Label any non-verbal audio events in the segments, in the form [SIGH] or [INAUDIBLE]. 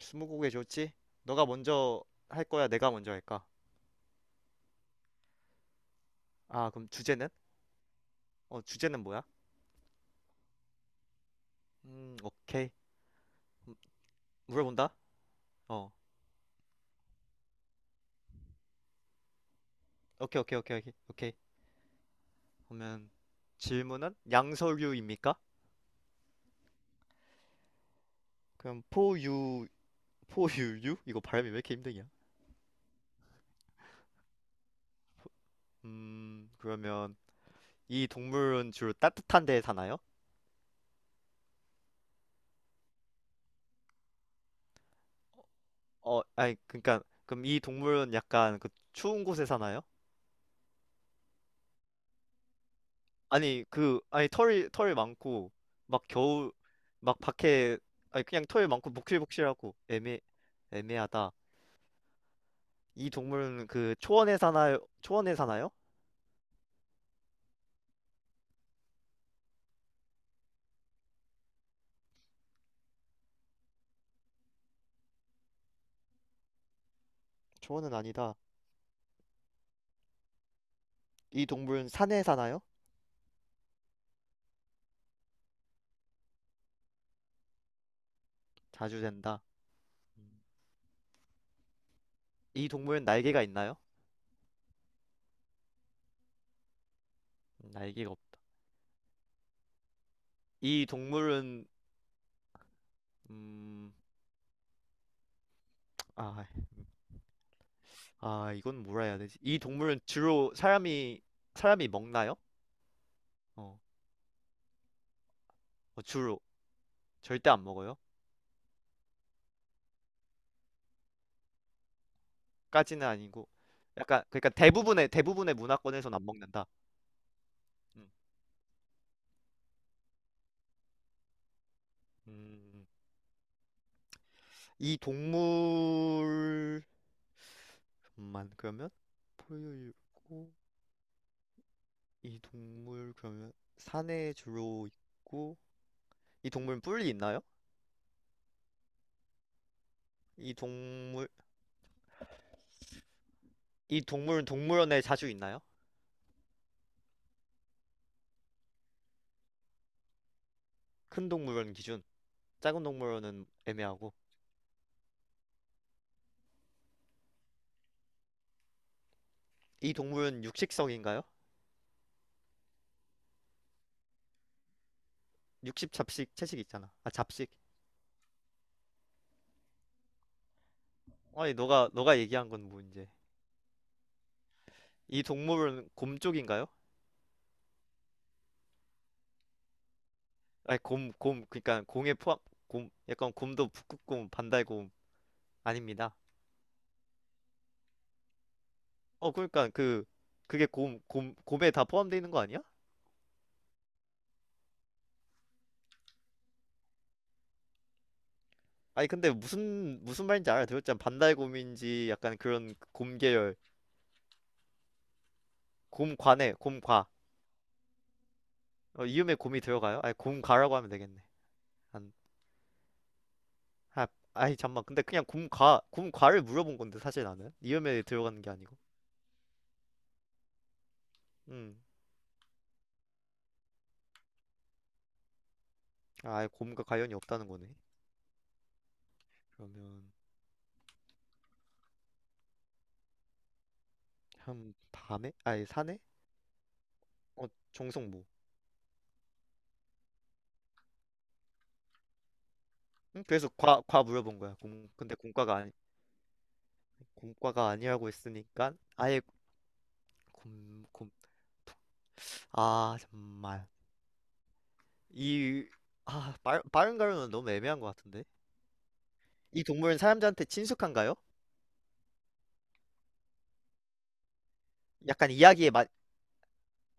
스무고개 좋지? 너가 먼저 할 거야? 내가 먼저 할까? 그럼 주제는? 주제는 뭐야? 오케이. 음, 물어본다? 어, 오케이, 오케이, 오케이, 오케이. 오케이. 그러면 질문은 양서류입니까? 그럼 포유류? 이거 발음이 왜 이렇게 힘드냐? 그러면 이 동물은 주로 따뜻한 데에 사나요? 어, 아니, 그러니까 그럼 이 동물은 약간 추운 곳에 사나요? 아니 그 아니 털이 털 많고 막 겨우 막 밖에 아니 그냥 털 많고 복실복실하고 애매 애매하다. 이 동물은 초원에 사나요? 초원에 사나요? 초원은 아니다. 이 동물은 산에 사나요? 자주 된다. 음. 이 동물은 날개가 있나요? 날개가 없. 이 동물은 음, 아, 아 이건 뭐라 해야 되지? 이 동물은 주로 사람이 먹나요? 어, 주로 절대 안 먹어요. 까지는 아니고 약간 그러니까 대부분의 문화권에서는 안 먹는다. 음. 음. 이 동물만 그러면 포유류고 이 동물 그러면 산에 주로 있고 이 동물은 뿔이 있나요? 이 동물 이 동물은 동물원에 자주 있나요? 큰 동물원 기준, 작은 동물원은 애매하고. 이 동물은 육식성인가요? 육식 잡식 채식 있잖아. 아 잡식. 아니 너가 얘기한 건 뭔지. 이 동물은 곰 쪽인가요? 아니 곰, 곰, 그러니까 공에 포함, 곰, 약간 곰도 북극곰, 반달곰 아닙니다. 그러니까 그게 곰에 다 포함되어 있는 거 아니야? 아니 근데 무슨 말인지 알아들었잖아. 반달곰인지 약간 그런 곰 계열, 곰과네, 곰과. 어, 이음에 곰이 들어가요? 아니 곰과라고 하면 되겠네. 안, 아, 아이 잠만. 근데 그냥 곰과를 물어본 건데 사실 나는 이음에 들어가는 게 아니고. 음, 아, 아예 곰과 관련이 없다는 거네. 그러면 한 밤에? 아니 산에? 어, 정성모. 응? 그래서 과 물어본 거야. 근데 공과가 아니, 공과가 아니라고 했으니까 아예 곰, 곰, 아 정말 이, 빠른 가루는 너무 애매한 것 같은데. 이 동물은 사람들한테 친숙한가요? 약간 이야기에 마,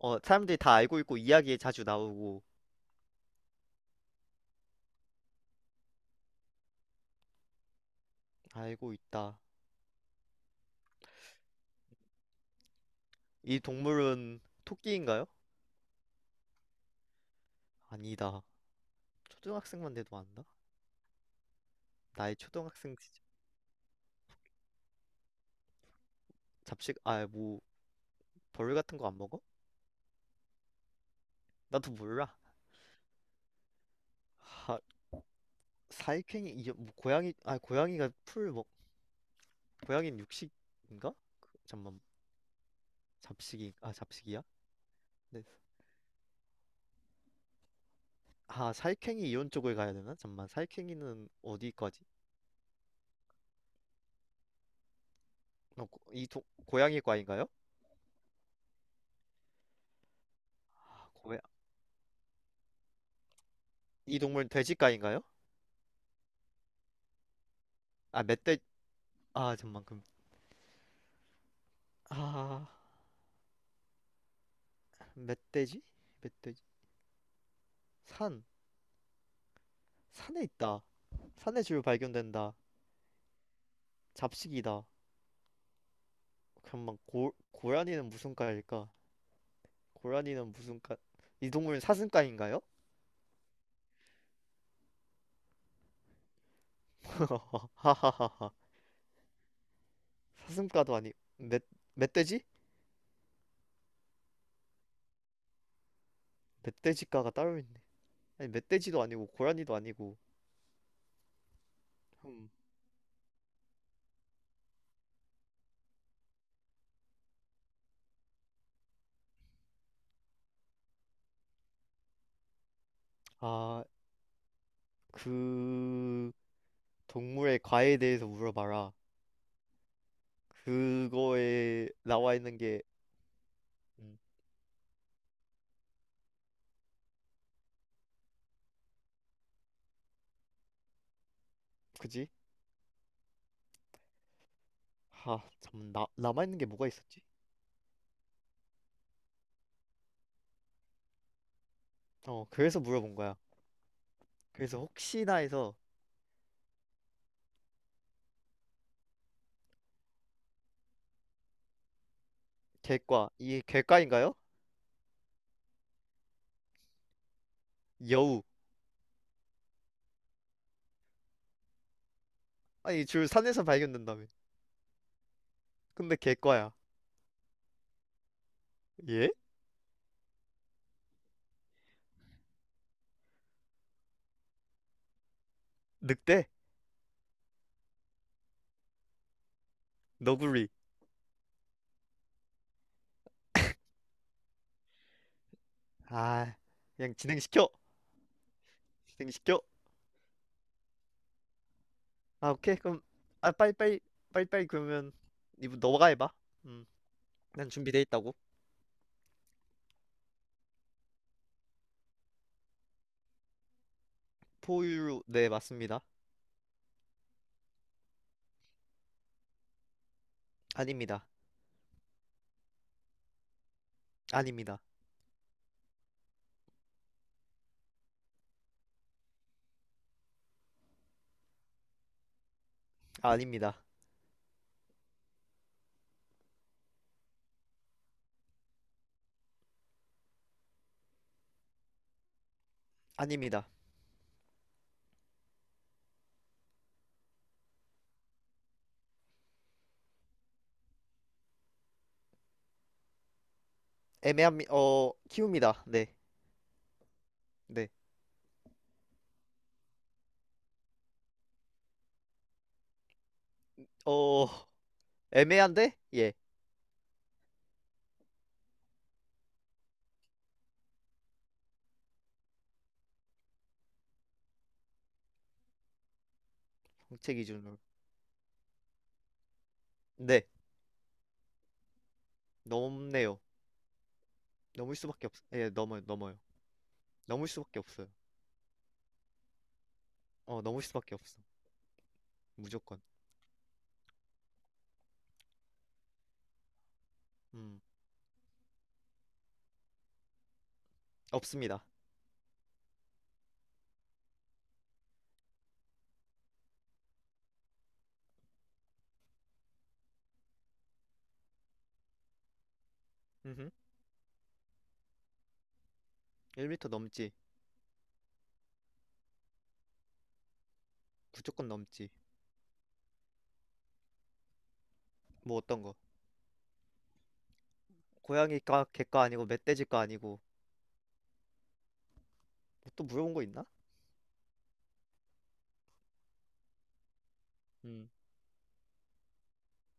어 사람들이 다 알고 있고 이야기에 자주 나오고 알고 있다. 이 동물은 토끼인가요? 아니다. 초등학생만 돼도 안다? 나의 초등학생 시절. 잡식, 아 뭐 벌 같은 거 안 먹어? 나도 몰라. 사익행위 이게 뭐 고양이가 풀 먹, 고양이는 육식인가? 잠만 잡식이 아 잡식이야? 네. 아 사익행위 이론 쪽을 가야 되나? 잠만 사익행위는 어디까지? 이 동, 고양이과인가요? 아, 고양, 이 동물 은 돼지과인가요? 아 멧돼, 아 잠만 그럼 아 멧돼지? 멧돼지. 산. 산에 있다. 산에 주로 발견된다. 잡식이다. 잠만 고 고라니는 무슨 과일까? 고라니는 무슨 과? 이 동물은 사슴과인가요? [LAUGHS] 하하하하 사슴과도 아니 멧, 멧돼지? 멧돼지과가 따로 있네. 아니 멧돼지도 아니고 고라니도 아니고. 음. 아, 그 동물의 과에 대해서 물어봐라. 그거에 나와 있는 게. 음, 그지? 아, 잠깐 나 남아 있는 게 뭐가 있었지? 어, 그래서 물어본 거야. 그래서 혹시나 해서 개과 이게 개과인가요? 여우. 아니 줄 산에서 발견된다며. 근데 개과야. 예? 늑대? 너구리. 아, 그냥 진행시켜. 진행시켜. 오케이. 그럼 아, 빨리빨리 빨리빨리 그러면 이분 너가 해봐. 음, 난 준비돼 있다고. 포유류 네, 맞습니다. 아닙니다. 아닙니다. 아닙니다. 아닙니다. 애매한 어 키웁니다. 네. 네. 어 애매한데? 예. 정체 기준으로. 네. 넘네요. 넘을 수밖에 없. 예, 넘어요. 넘어요. 넘을 수밖에 없어요. 어, 넘을 수밖에 없어. 무조건. 음. 없습니다. 음. 1m 넘지. 무조건 넘지. 뭐 어떤 거? 고양이과, 개과 아니고 멧돼지과 아니고. 뭐또 물어본 거 있나? 음.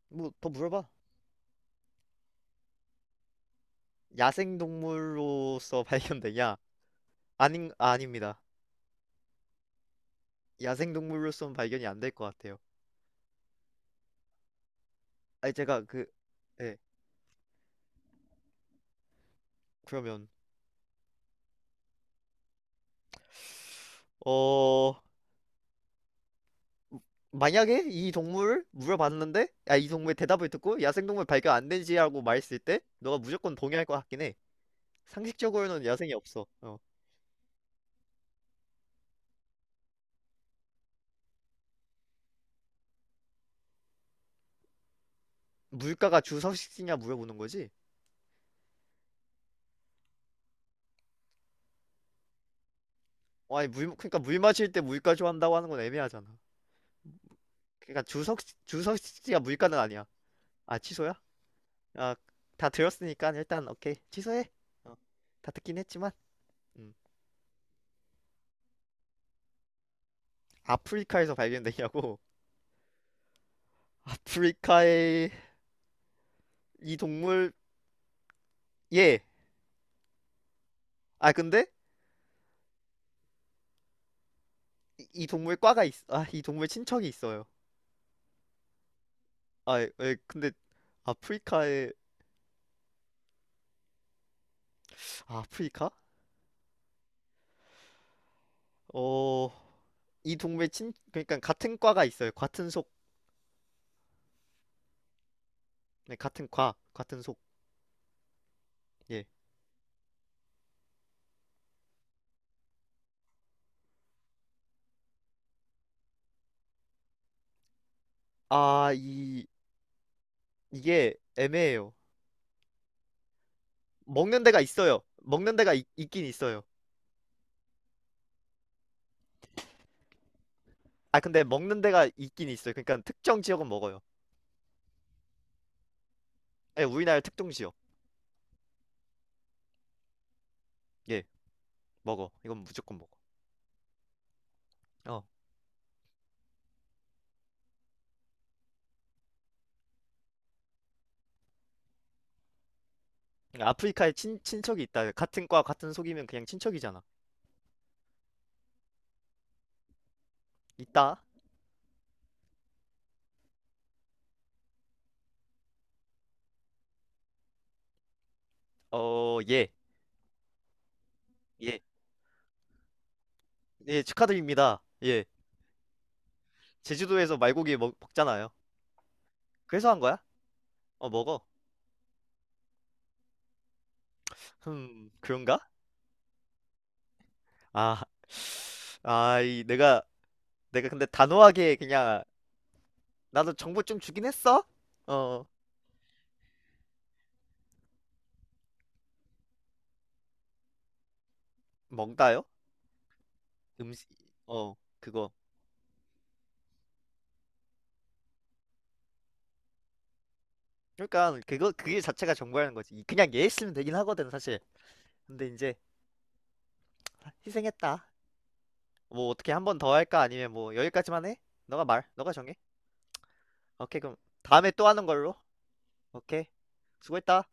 뭐 더 물어봐. 야생동물로서 [LAUGHS] 발견되냐? 닙니다. 야생동물로서는 발견이 안될 것 같아요. 아니 제가 그 예. 그러면 어, 만약에 이 동물을 물어봤는데 야, 이 동물의 대답을 듣고 야생동물 발견 안 되지라고 말했을 때 너가 무조건 동의할 것 같긴 해. 상식적으로는 야생이 없어. 어. 물가가 주서식지냐 물어보는 거지? 아니 물 마실 때 물가 좋아한다고 하는 건 애매하잖아. 그러니까 주석 씨가 물가는 아니야. 아 취소야? 아 다 들었으니까 일단 오케이 취소해. 어, 다 듣긴 했지만. 음. 아프리카에서 발견되냐고. [LAUGHS] 아프리카의 이 동물. 예. 아 근데 이 동물 과가 있. 아이 동물 친척이 있어요. 예, 예, 근데 아프리카에, 아프리카? 어, 이 동물 친 그러니까 같은 과가 있어요. 같은 속. 네, 같은 과 같은 속. 예. 아, 이, 이게 애매해요. 먹는 데가 있어요. 긴 있어요. 아, 근데 먹는 데가 있긴 있어요. 그러니까 특정 지역은 먹어요. 예, 우리나라 특정 지역. 예, 먹어. 이건 무조건 먹어. 어. 그러니까 아프리카에 친척이 있다. 같은 과, 같은 속이면 그냥 친척이잖아. 있다? 어, 예. 예. 예, 축하드립니다. 예. 제주도에서 먹잖아요. 그래서 한 거야? 어, 먹어. 흠, 그런가? 아, 내가, 내가 근데 단호하게 그냥 나도 정보 좀 주긴 했어. 어, 뭔가요? 음식, 어, 그거. 그러니까 그거 그게 자체가 정보라는 거지. 그냥 얘 있으면 되긴 하거든 사실. 근데 이제 희생했다. 뭐 어떻게 한 번 더 할까? 아니면 뭐 여기까지만 해? 너가 정해. 오케이 그럼 다음에 또 하는 걸로. 오케이. 수고했다.